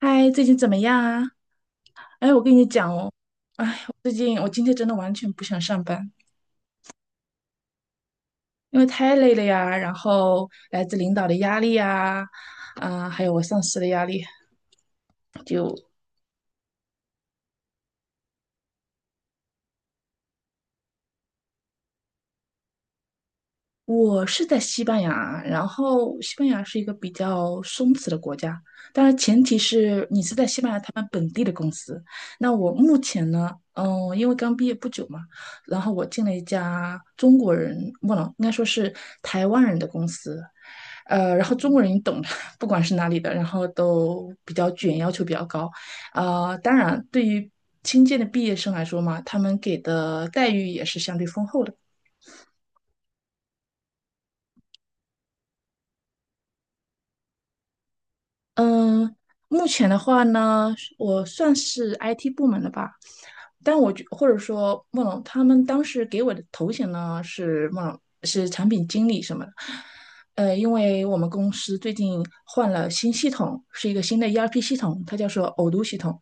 嗨，最近怎么样啊？哎，我跟你讲哦，哎，我最近我今天真的完全不想上班，因为太累了呀，然后来自领导的压力呀，啊，还有我上司的压力。就我是在西班牙，然后西班牙是一个比较松弛的国家，当然前提是你是在西班牙他们本地的公司。那我目前呢，因为刚毕业不久嘛，然后我进了一家中国人，不能，应该说是台湾人的公司，然后中国人你懂的，不管是哪里的，然后都比较卷，要求比较高。当然，对于新建的毕业生来说嘛，他们给的待遇也是相对丰厚的。嗯、目前的话呢，我算是 IT 部门的吧，但我觉或者说孟龙他们当时给我的头衔呢是孟龙是产品经理什么的。因为我们公司最近换了新系统，是一个新的 ERP 系统，它叫做偶读系统。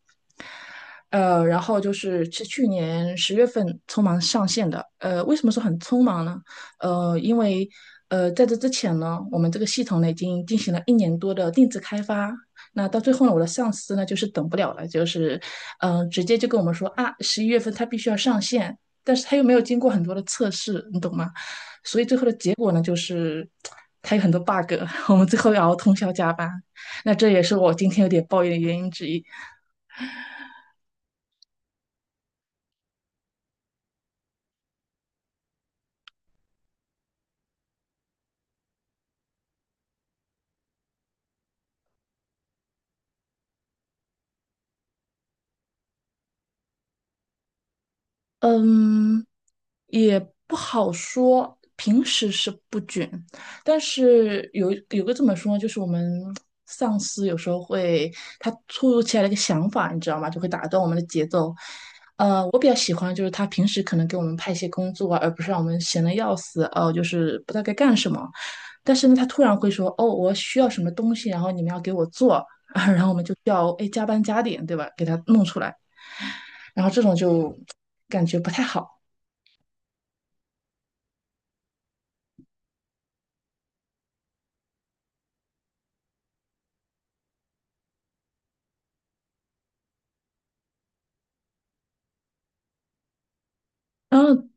然后就是去年10月份匆忙上线的。为什么说很匆忙呢？因为在这之前呢，我们这个系统呢已经进行了一年多的定制开发。那到最后呢，我的上司呢就是等不了了，就是直接就跟我们说啊，11月份他必须要上线，但是他又没有经过很多的测试，你懂吗？所以最后的结果呢，就是他有很多 bug，我们最后要熬通宵加班。那这也是我今天有点抱怨的原因之一。嗯，也不好说，平时是不卷，但是有个这么说呢，就是我们上司有时候会他突如其来的一个想法，你知道吗？就会打断我们的节奏。我比较喜欢就是他平时可能给我们派一些工作啊，而不是让我们闲得要死，就是不知道该干什么。但是呢，他突然会说，哦，我需要什么东西，然后你们要给我做，啊。"然后我们就需要加班加点，对吧？给他弄出来，然后这种就感觉不太好。然后，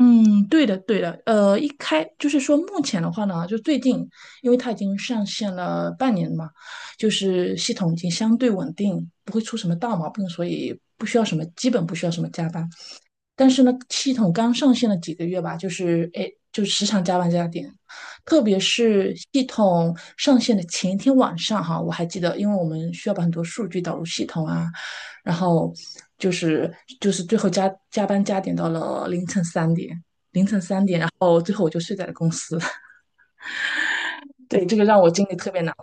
嗯，对的，对的，一开就是说，目前的话呢，就最近，因为它已经上线了半年嘛，就是系统已经相对稳定，不会出什么大毛病，所以不需要什么，基本不需要什么加班。但是呢，系统刚上线了几个月吧，就是就时常加班加点，特别是系统上线的前一天晚上哈，我还记得，因为我们需要把很多数据导入系统啊，然后就是就是最后加班加点到了凌晨三点，哦，最后我就睡在了公司，对，这个让我经历特别难。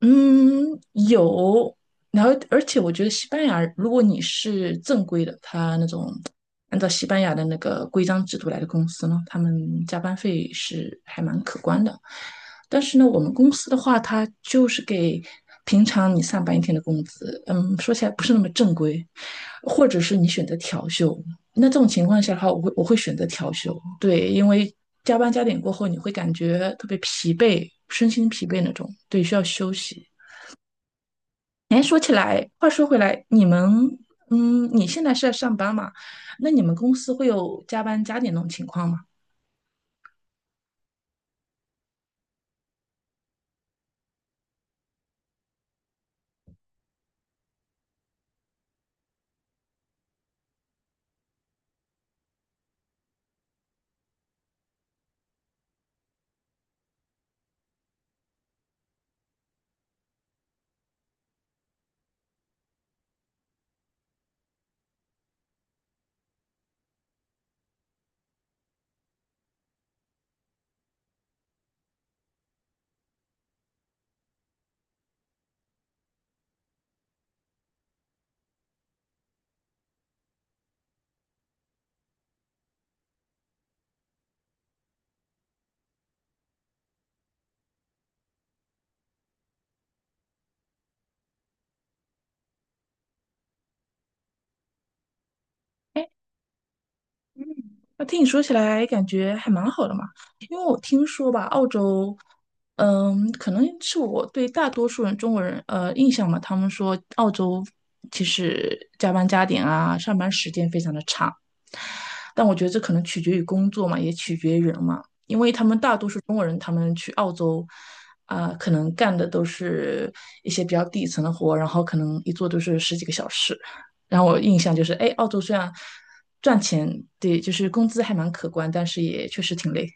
嗯，有，然后而且我觉得西班牙，如果你是正规的，他那种按照西班牙的那个规章制度来的公司呢，他们加班费是还蛮可观的。但是呢，我们公司的话，它就是给平常你上班一天的工资，说起来不是那么正规，或者是你选择调休，那这种情况下的话，我会选择调休，对，因为加班加点过后，你会感觉特别疲惫，身心疲惫那种，对，需要休息。哎，说起来，话说回来，你们，嗯，你现在是在上班嘛？那你们公司会有加班加点那种情况吗？那听你说起来，感觉还蛮好的嘛。因为我听说吧，澳洲，可能是我对大多数人中国人印象嘛，他们说澳洲其实加班加点啊，上班时间非常的长。但我觉得这可能取决于工作嘛，也取决于人嘛。因为他们大多数中国人，他们去澳洲可能干的都是一些比较底层的活，然后可能一做都是十几个小时。然后我印象就是，哎，澳洲虽然赚钱，对，就是工资还蛮可观，但是也确实挺累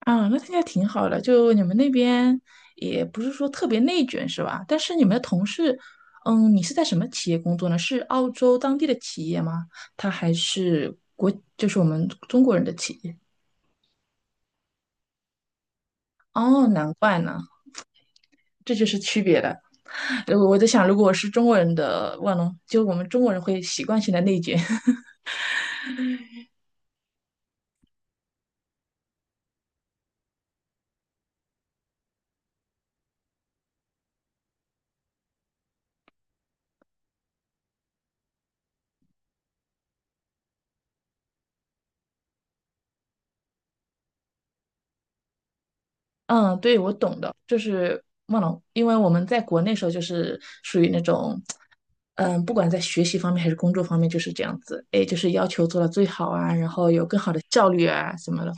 啊。那听起来挺好的，就你们那边也不是说特别内卷是吧？但是你们的同事，嗯，你是在什么企业工作呢？是澳洲当地的企业吗？它还是就是我们中国人的企业？哦，难怪呢，这就是区别了。我在想，如果我是中国人的万隆，就我们中国人会习惯性的内卷。嗯，对，我懂的，就是忘了，因为我们在国内时候就是属于那种，不管在学习方面还是工作方面，就是这样子，哎，就是要求做到最好啊，然后有更好的效率啊什么的，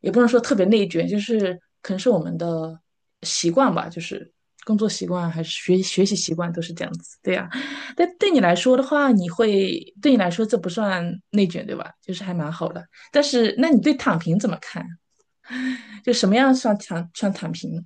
也不能说特别内卷，就是可能是我们的习惯吧，就是工作习惯还是学习习惯都是这样子，对呀。但对你来说的话，对你来说这不算内卷，对吧？就是还蛮好的。但是，那你对躺平怎么看？就什么样算躺平？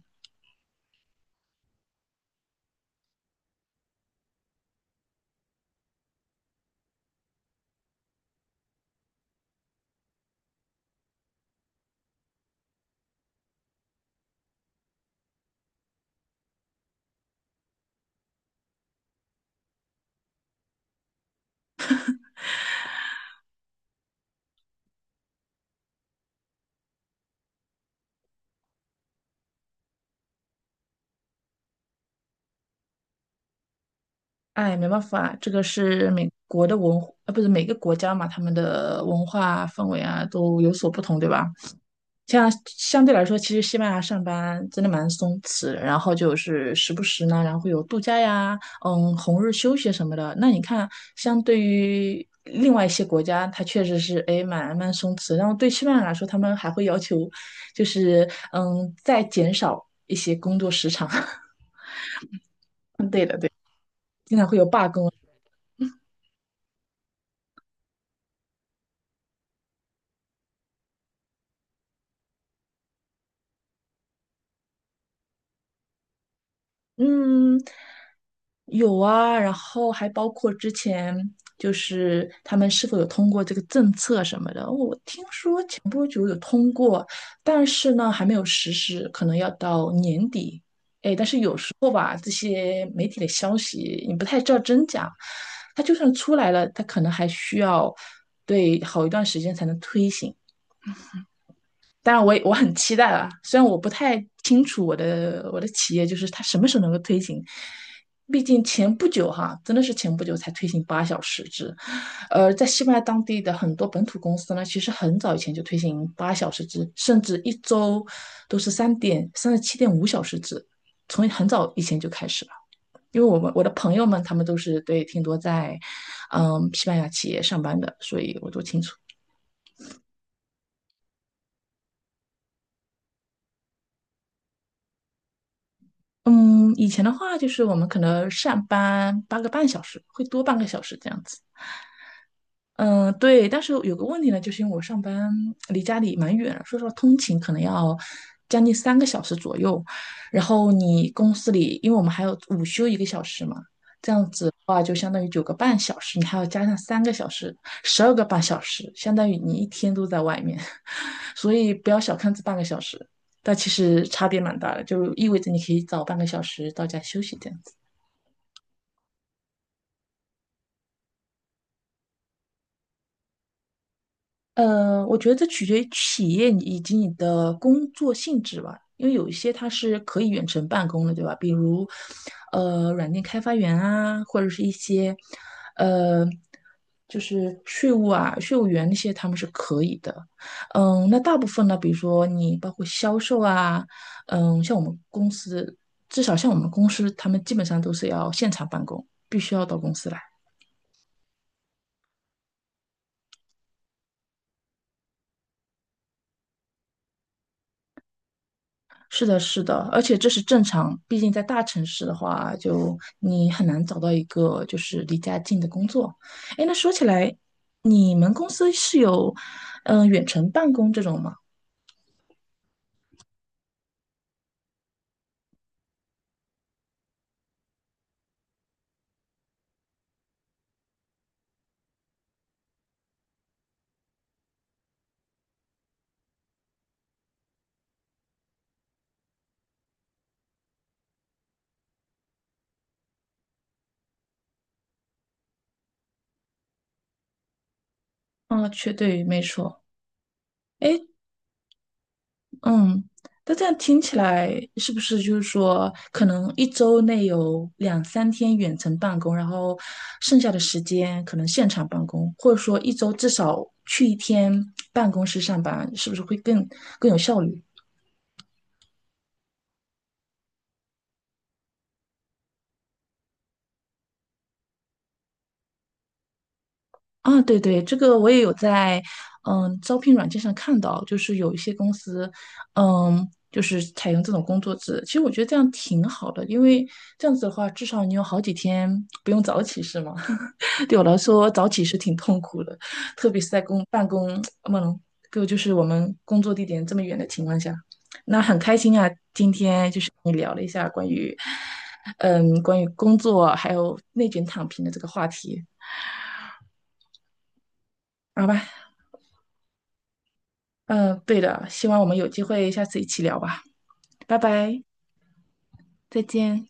哎，没办法，这个是美国的文化，不是每个国家嘛，他们的文化氛围啊都有所不同，对吧？像相对来说，其实西班牙上班真的蛮松弛的然后就是时不时呢，然后会有度假呀，红日休息什么的。那你看，相对于另外一些国家，它确实是蛮松弛。然后对西班牙来说，他们还会要求，就是再减少一些工作时长。对的，对，经常会有嗯，有啊，然后还包括之前就是他们是否有通过这个政策什么的，我听说前不久有通过，但是呢还没有实施，可能要到年底。哎，但是有时候吧，这些媒体的消息你不太知道真假，它就算出来了，它可能还需要对好一段时间才能推行。当然我很期待啊，虽然我不太清楚我的企业就是它什么时候能够推行，毕竟前不久哈，真的是前不久才推行八小时制，在西班牙当地的很多本土公司呢，其实很早以前就推行八小时制，甚至一周都是三点三十七点五小时制，从很早以前就开始了。因为我的朋友们他们都是挺多在，西班牙企业上班的，所以我都清楚。嗯，以前的话就是我们可能上班8个半小时，会多半个小时这样子。对，但是有个问题呢，就是因为我上班离家里蛮远的说实话，通勤可能要将近三个小时左右。然后你公司里，因为我们还有午休1个小时嘛，这样子的话就相当于9个半小时，你还要加上三个小时，12个半小时，相当于你一天都在外面。所以不要小看这半个小时，但其实差别蛮大的，就意味着你可以早半个小时到家休息这样。我觉得这取决于企业以及你的工作性质吧，因为有一些它是可以远程办公的，对吧？比如，软件开发员啊，或者是一些，呃，就是税务啊、税务员那些，他们是可以的。那大部分呢，比如说你包括销售啊，像我们公司，至少像我们公司，他们基本上都是要现场办公，必须要到公司来。是的，是的，而且这是正常，毕竟在大城市的话，就你很难找到一个就是离家近的工作。哎，那说起来，你们公司是有远程办公这种吗？啊，对，没错。哎，嗯，那这样听起来是不是就是说，可能一周内有两三天远程办公，然后剩下的时间可能现场办公，或者说一周至少去一天办公室上班，是不是会更有效率？啊，对对，这个我也有在，招聘软件上看到，就是有一些公司，就是采用这种工作制。其实我觉得这样挺好的，因为这样子的话，至少你有好几天不用早起，是吗？对我来说，早起是挺痛苦的，特别是在办公，嗯，就是我们工作地点这么远的情况下，那很开心啊，今天就是跟你聊了一下关于工作还有内卷躺平的这个话题，好吧？嗯，对的，希望我们有机会下次一起聊吧，拜拜，再见。